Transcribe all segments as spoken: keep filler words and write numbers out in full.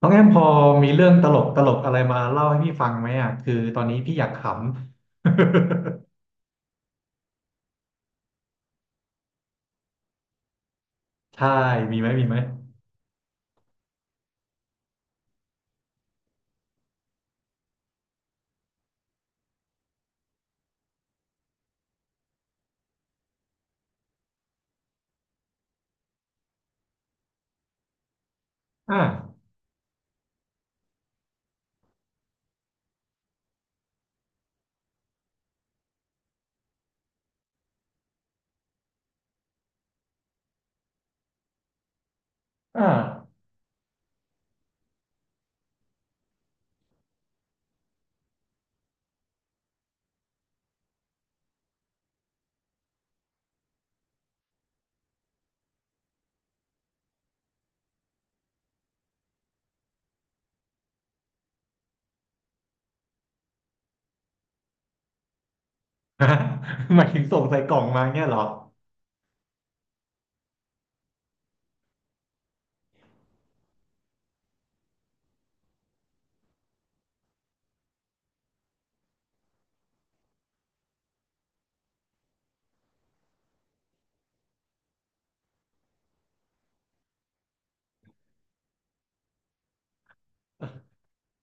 น้องแอมพอมีเรื่องตลกตลกอะไรมาเล่าให้พี่ฟังไหมอ่ะคือตอนนี้พี่อยากขำ ใช่มีไหมมีไหมอ่าอ่า หมายถึงส่งใส่กล่องมาเนี่ยเหรอ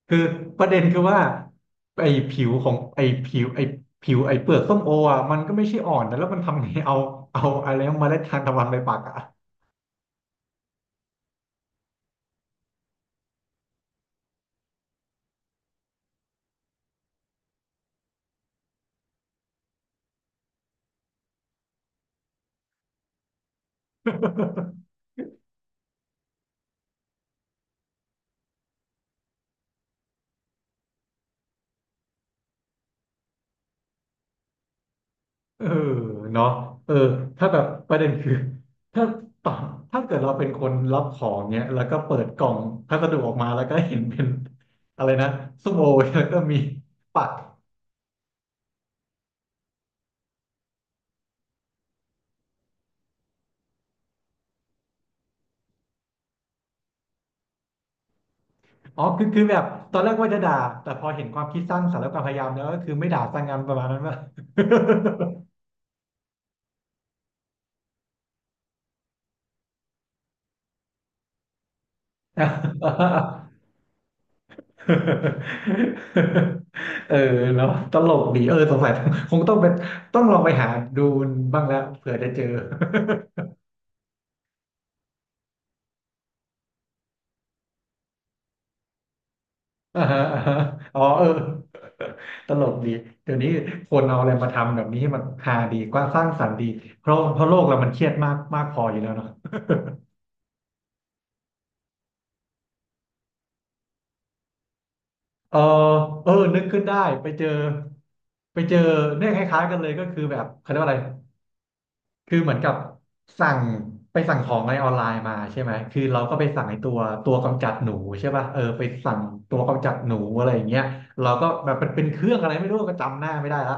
คือประเด็นคือว่าไอ้ผิวของไอ้ผิวไอ้ผิวไอ้เปลือกส้มโออ่ะมันก็ไม่ใช่อ่อนนะแล้วมันทำไงเอาเอาอะไรนะเมล็ดทานตะวันไปปักอ่ะ เออเนาะเออถ้าแบบประเด็นคือ ถ้าต่อถ้าเกิดเราเป็นคนรับของเนี้ยแล้วก็เปิดกล่องพัสดุออกมาแล้วก็เห็นเป็น อะไรนะส้มโอ แล้วก็มีปักอ๋อคือคือแบบตอนแรกว่าจะด่าแต่พอเห็นความคิดสร้างสรรค์และความพยายามแล้วก็คือไม่ด่าสร้างงานประมาณนั้นว่า เออเนาะตลกดีเออสงสัยคงต้องเป็นต้องลองไปหาดูบ้างแล้วเผื่อจะเจอ อ่าฮะอ่าฮะอ๋อเออ ตลกดี เดี๋ยวนี้คนเอาอะไรมาทำแบบนี้ให้มันฮาดีกว่างสร้างสรรค์ดีเพราะเพราะโลกเรามันเครียดมากมากพออยู่แล้วเนาะเออเออนึกขึ้นได้ไปเจอไปเจอเนี่ยคล้ายๆกันเลยก็คือแบบเขาเรียกว่าอะไร คือเหมือนกับสั่งไปสั่งของอะไรออนไลน์มาใช่ไหมคือเราก็ไปสั่งไอ้ตัวตัวกำจัดหนูใช่ป่ะเออไปสั่งตัวกำจัดหนูอะไรอย่างเงี้ยเราก็แบบเป็นเป็นเครื่องอะไรไม่รู้ก็จำหน้าไม่ได้ละ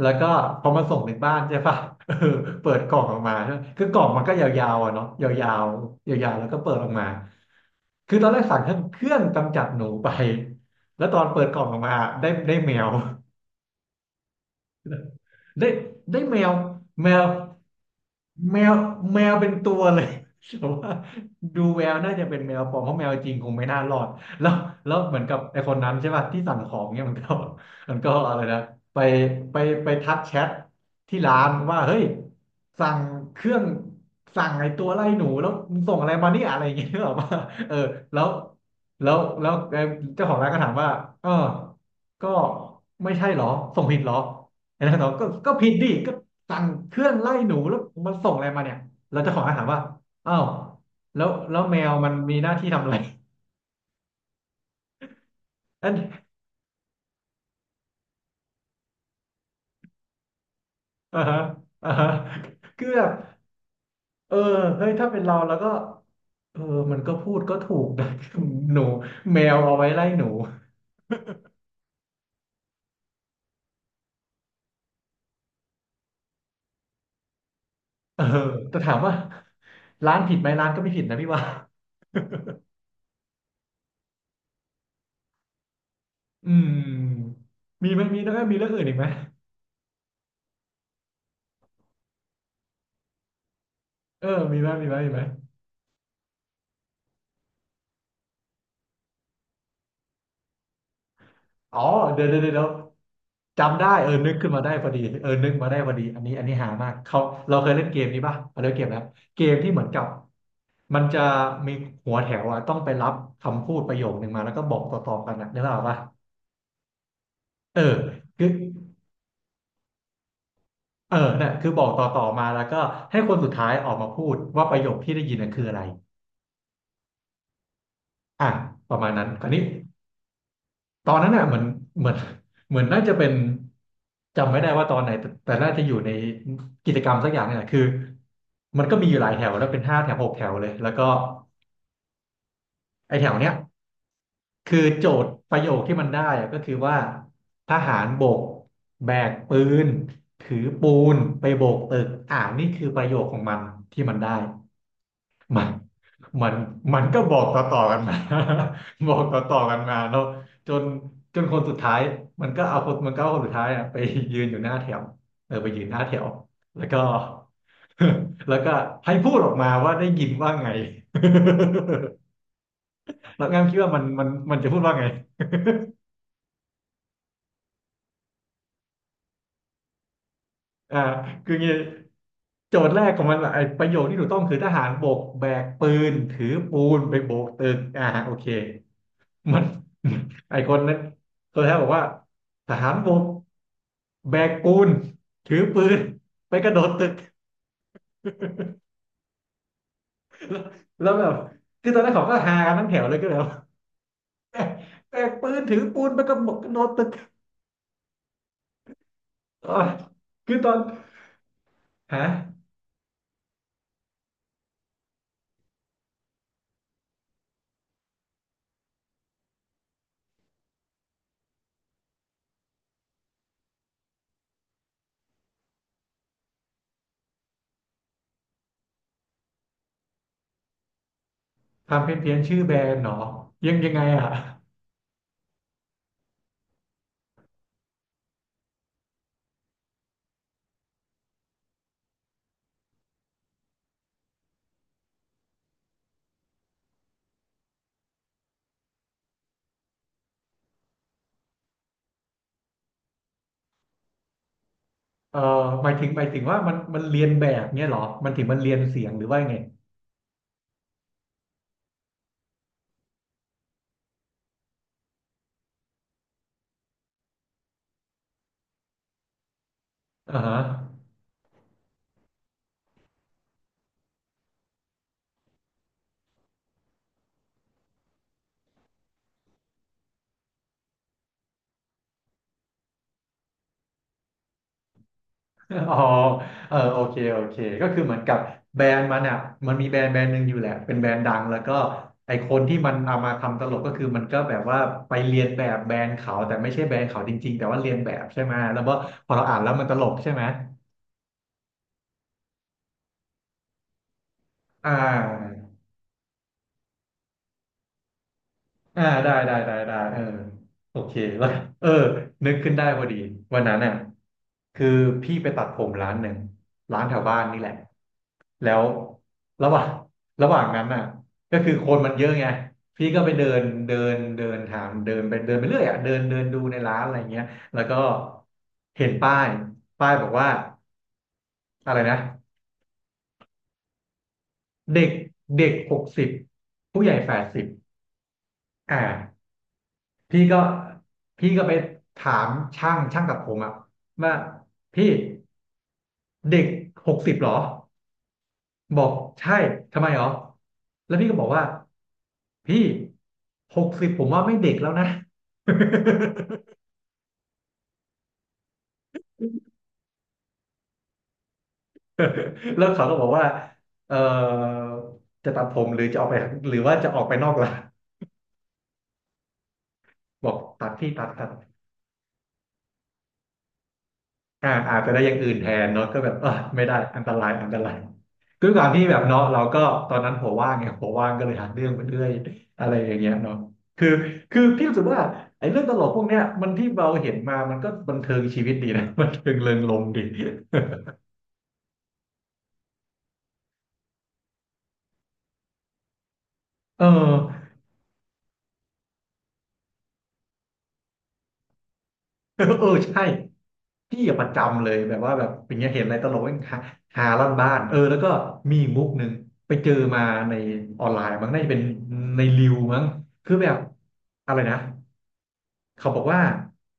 แล้วก็พอมาส่งถึงบ้านใช่ป่ะ เออเปิดกล่องออกมาใช่ปะคือกล่องมันก็ยาวๆอ่ะเนาะยาวๆยาวๆแล้วก็เปิดออกมาคือตอนแรกสั่งเครื่องเครื่องกำจัดหนูไปแล้วตอนเปิดกล่องออกมาได้ได้แมว ได้ได้แมวแมวแมวแมวเป็นตัวเลย แต่ว่าดูแววน่าจะเป็นแมวปลอมเพราะแมวจริงคงไม่น่ารอดแล้วแล้วเหมือนกับไอ้คนนั้นใช่ป่ะที่สั่งของเนี่ยมันก็มันก็อะไรนะไปไปไปทักแชทที่ร้านว่าเฮ้ยสั่งเครื่องสั่งไอ้ตัวไล่หนูแล้วมึงส่งอะไรมาเนี่ยอะไรอย่างเงี้ยหรอป่ะเออแล้วแล้วแล้วไอ้เจ้าของร้านก็ถามว่าเออก็ไม่ใช่เหรอส่งผิดเหรอ ไอ้นั่นบอกก็ก็ผิดดิก็สั่งเครื่องไล่หนูแล้วมาส่งอะไรมาเนี่ยเราเจ้าของร้านถามว่าอ้าวแล้วแล้วแมวมันมีหน้าที่ทำอะไร อันอ่าฮะอ่าฮะคือแบบเออเฮ้ยถ้าเป็นเราแล้วก็เออมันก็พูดก็ถูกนะ หนูแมวเอาไว้ไล่หนูเออแต่ถามว่าร้านผิดไหมร้านก็ไม่ผิดนะพี่ว่าอืมมีไหมมีแล้วก็มีเรื่องอื่นอีกไหมเออมีไหมมีไหมมีไหม อ๋อเดี๋ยวเดี๋ยวเดี๋ยวจำได้เออนึกขึ้นมาได้พอดีเออนึกมาได้พอดีอันนี้อันนี้หามากเขาเราเคยเล่นเกมนี้ป่ะเราเล่นเกมแล้วเกมที่เหมือนกับมันจะมีหัวแถวอ่ะต้องไปรับคำพูดประโยคหนึ่งมาแล้วก็บอกต่อๆกันนะนึกออกป่ะเออคือเออเนี่ยคือบอกต่อๆมาแล้วก็ให้คนสุดท้ายออกมาพูดว่าประโยคที่ได้ยินน่ะคืออะไรอ่ะประมาณนั้นคราวนี้ ตอนนั้นน่ะเหมือนเหมือนเหมือนน่าจะเป็นจำไม่ได้ว่าตอนไหนแต่แต่น่าจะอยู่ในกิจกรรมสักอย่างเนี่ยแหละคือมันก็มีอยู่หลายแถวแล้วเป็นห้าแถวหกแถวเลยแล้วก็ไอ้แถวเนี้ยคือโจทย์ประโยคที่มันได้อะก็คือว่าทหารบกแบกปืนถือปูนไปโบกตึกอ่านี่คือประโยคของมันที่มันได้ มันมันมันก็บอกต่อต่อกันมา บอกต่อต่อกันมาแล้วจนจนคนสุดท้าย มันก็เอาคนมันก็เอาคนสุดท้ายอะไปยืนอยู่หน้าแถวเออไปยืนหน้าแถวแล้วก็ แล้วก็ให้พูดออกมาว่าได้ยินว่าไง แล้วงั้นคิดว่ามันมันมันจะพูดว่าไงอ่าคืองี้โจทย์แรกของมันอะไอ้ประโยคที่ถูกต้องคือทหารบกแบกปืนถือปูนไปโบกตึกอ่าโอเค มัน ไอคนนั้นตัวแทนบอกว่าทหารบกแบกปูนถือปืนไปกระโดดตึกแล้วแบบคือตอนนั้นเขาก็ฮากันทั้งแถวเลยก็เลยแบบแบก แบกปืนถือปูนไปกระโดดกระโดดตึกอ๋อคือตอนฮะทำเพี้ยนเพียชื่อแบรนด์เหรอยังยังไงอ่ะเออหมายถึงหมายถึงว่ามันมันเรียนแบบเนี้ยเหรอมันถึงมันเรียนเสียงหรือว่ายังไงอ่าฮะ อ๋อเออโอเคโอเคก็คือเหมือนกับแบรนด์มันอ่ะมันมีแบรนด์แบรนด์หนึ่งอยู่แหละเป็นแบรนด์ดังแล้วก็ไอคนที่มันเอามาทำตลกก็คือมันก็แบบว่าไปเรียนแบบแบรนด์เขาแต่ไม่ใช่แบรนด์เขาจริงๆแต่ว่าเรียนแบบใช่ไหมแล้วก็พอเราอ่านแล้วมันตลกใช่ไหมอ่า อ่าได้ได้ได้ได้เออโอเคแล้วเออนึกขึ้นได้พอดีวันนั้นน่ะคือพี่ไปตัดผมร้านหนึ่งร้านแถวบ้านนี่แหละแล้วระหว่างระหว่างนั้นน่ะก็คือคนมันเยอะไงพี่ก็ไปเดินเดินเดินถามเดินไปเดินไปเรื่อยอ่ะเดินเดินดูในร้านอะไรเงี้ยแล้วก็เห็นป้ายป้ายบอกว่าอะไรนะเด็กเด็กหกสิบผู้ใหญ่แปดสิบอ่า พี่ก็พี่ก็ไปถามช่างช่างตัดผมอะว่าพี่เด็กหกสิบหรอบอกใช่ทำไมหรอแล้วพี่ก็บอกว่าพี่หกสิบผมว่าไม่เด็กแล้วนะ แล้วเขาก็บอกว่าเออจะตัดผมหรือจะออกไปหรือว่าจะออกไปนอกล่ะบอกตัดพี่ตัดตัด อ่าอาจจะได้อย่างอื่นแทนเนาะก็แบบเออไม่ได้อันตรายอันตรายด้วยความที่แบบเนาะเราก็ตอนนั้นหัวว่างไงหัวว่างก็เลยหาเรื่องไปเรื่อยอะไรอย่างเงี้ยเนาะคือคือพี่รู้สึกว่าไอ้เรื่องตลกพวกเนี้ยมันที่เราเห็นมามันก็บันเทิงชีวิตดีนะ บันเทิงเริงรมย์ดีเออ เออเออใช่พี่อะประจำเลยแบบว่าแบบอย่างเงี้ยเห็นอะไรตลกเองหาหาลั่นบ้านเออแล้วก็มีอีกมุกหนึ่งไปเจอมาในออนไลน์มั้งน่าจะเป็นในรีวมั้งคือแบบอะไรนะเขาบอกว่า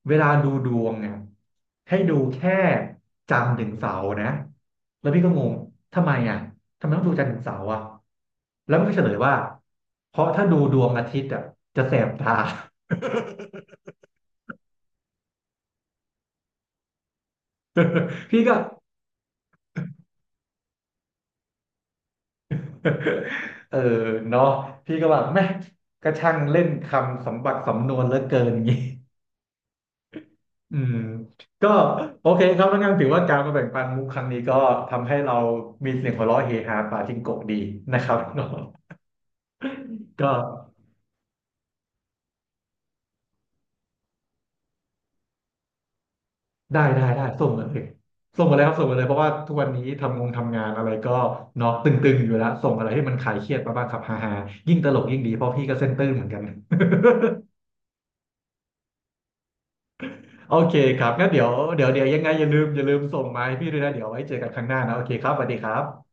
เวลาดูดวงเนี่ยให้ดูแค่จันทร์ถึงเสาร์นะแล้วพี่ก็งงทำไมอ่ะทำไมต้องดูจันทร์ถึงเสาร์อ่ะแล้วมันก็เฉลยว่าเพราะถ้าดูดวงอาทิตย์อ่ะจะแสบตา พี่ก็ เออเนาะพี่ก็แบบแม่งก็ช่างเล่นคำสมบัติสำนวนเหลือเกินงี้อืมก็โอเคครับแล้วงั้นถือว่าการมาแบ่งปันมุกครั้งนี้ก็ทำให้เรามีเสียงหัวเราะเฮฮาปาจิงโกะดีนะครับก็ได้ได้ได้ส่งมาเลยส่งมาเลยครับส่งมาเลยเพราะว่าทุกวันนี้ทำงงทำงานอะไรก็เนาะตึงๆอยู่แล้วส่งอะไรให้มันคลายเครียดมาบ้างครับฮ่าๆยิ่งตลกยิ่งดีเพราะพี่ก็เส้นตื้นเหมือนกัน โอเคครับงั้นเดี๋ยวเดี๋ยวเดี๋ยวยังไงอย่าลืมอย่าลืมส่งมาให้พี่ด้วยนะเดี๋ยวไว้เจอกันครั้งหน้านะโอเคครับสวัสดีครับ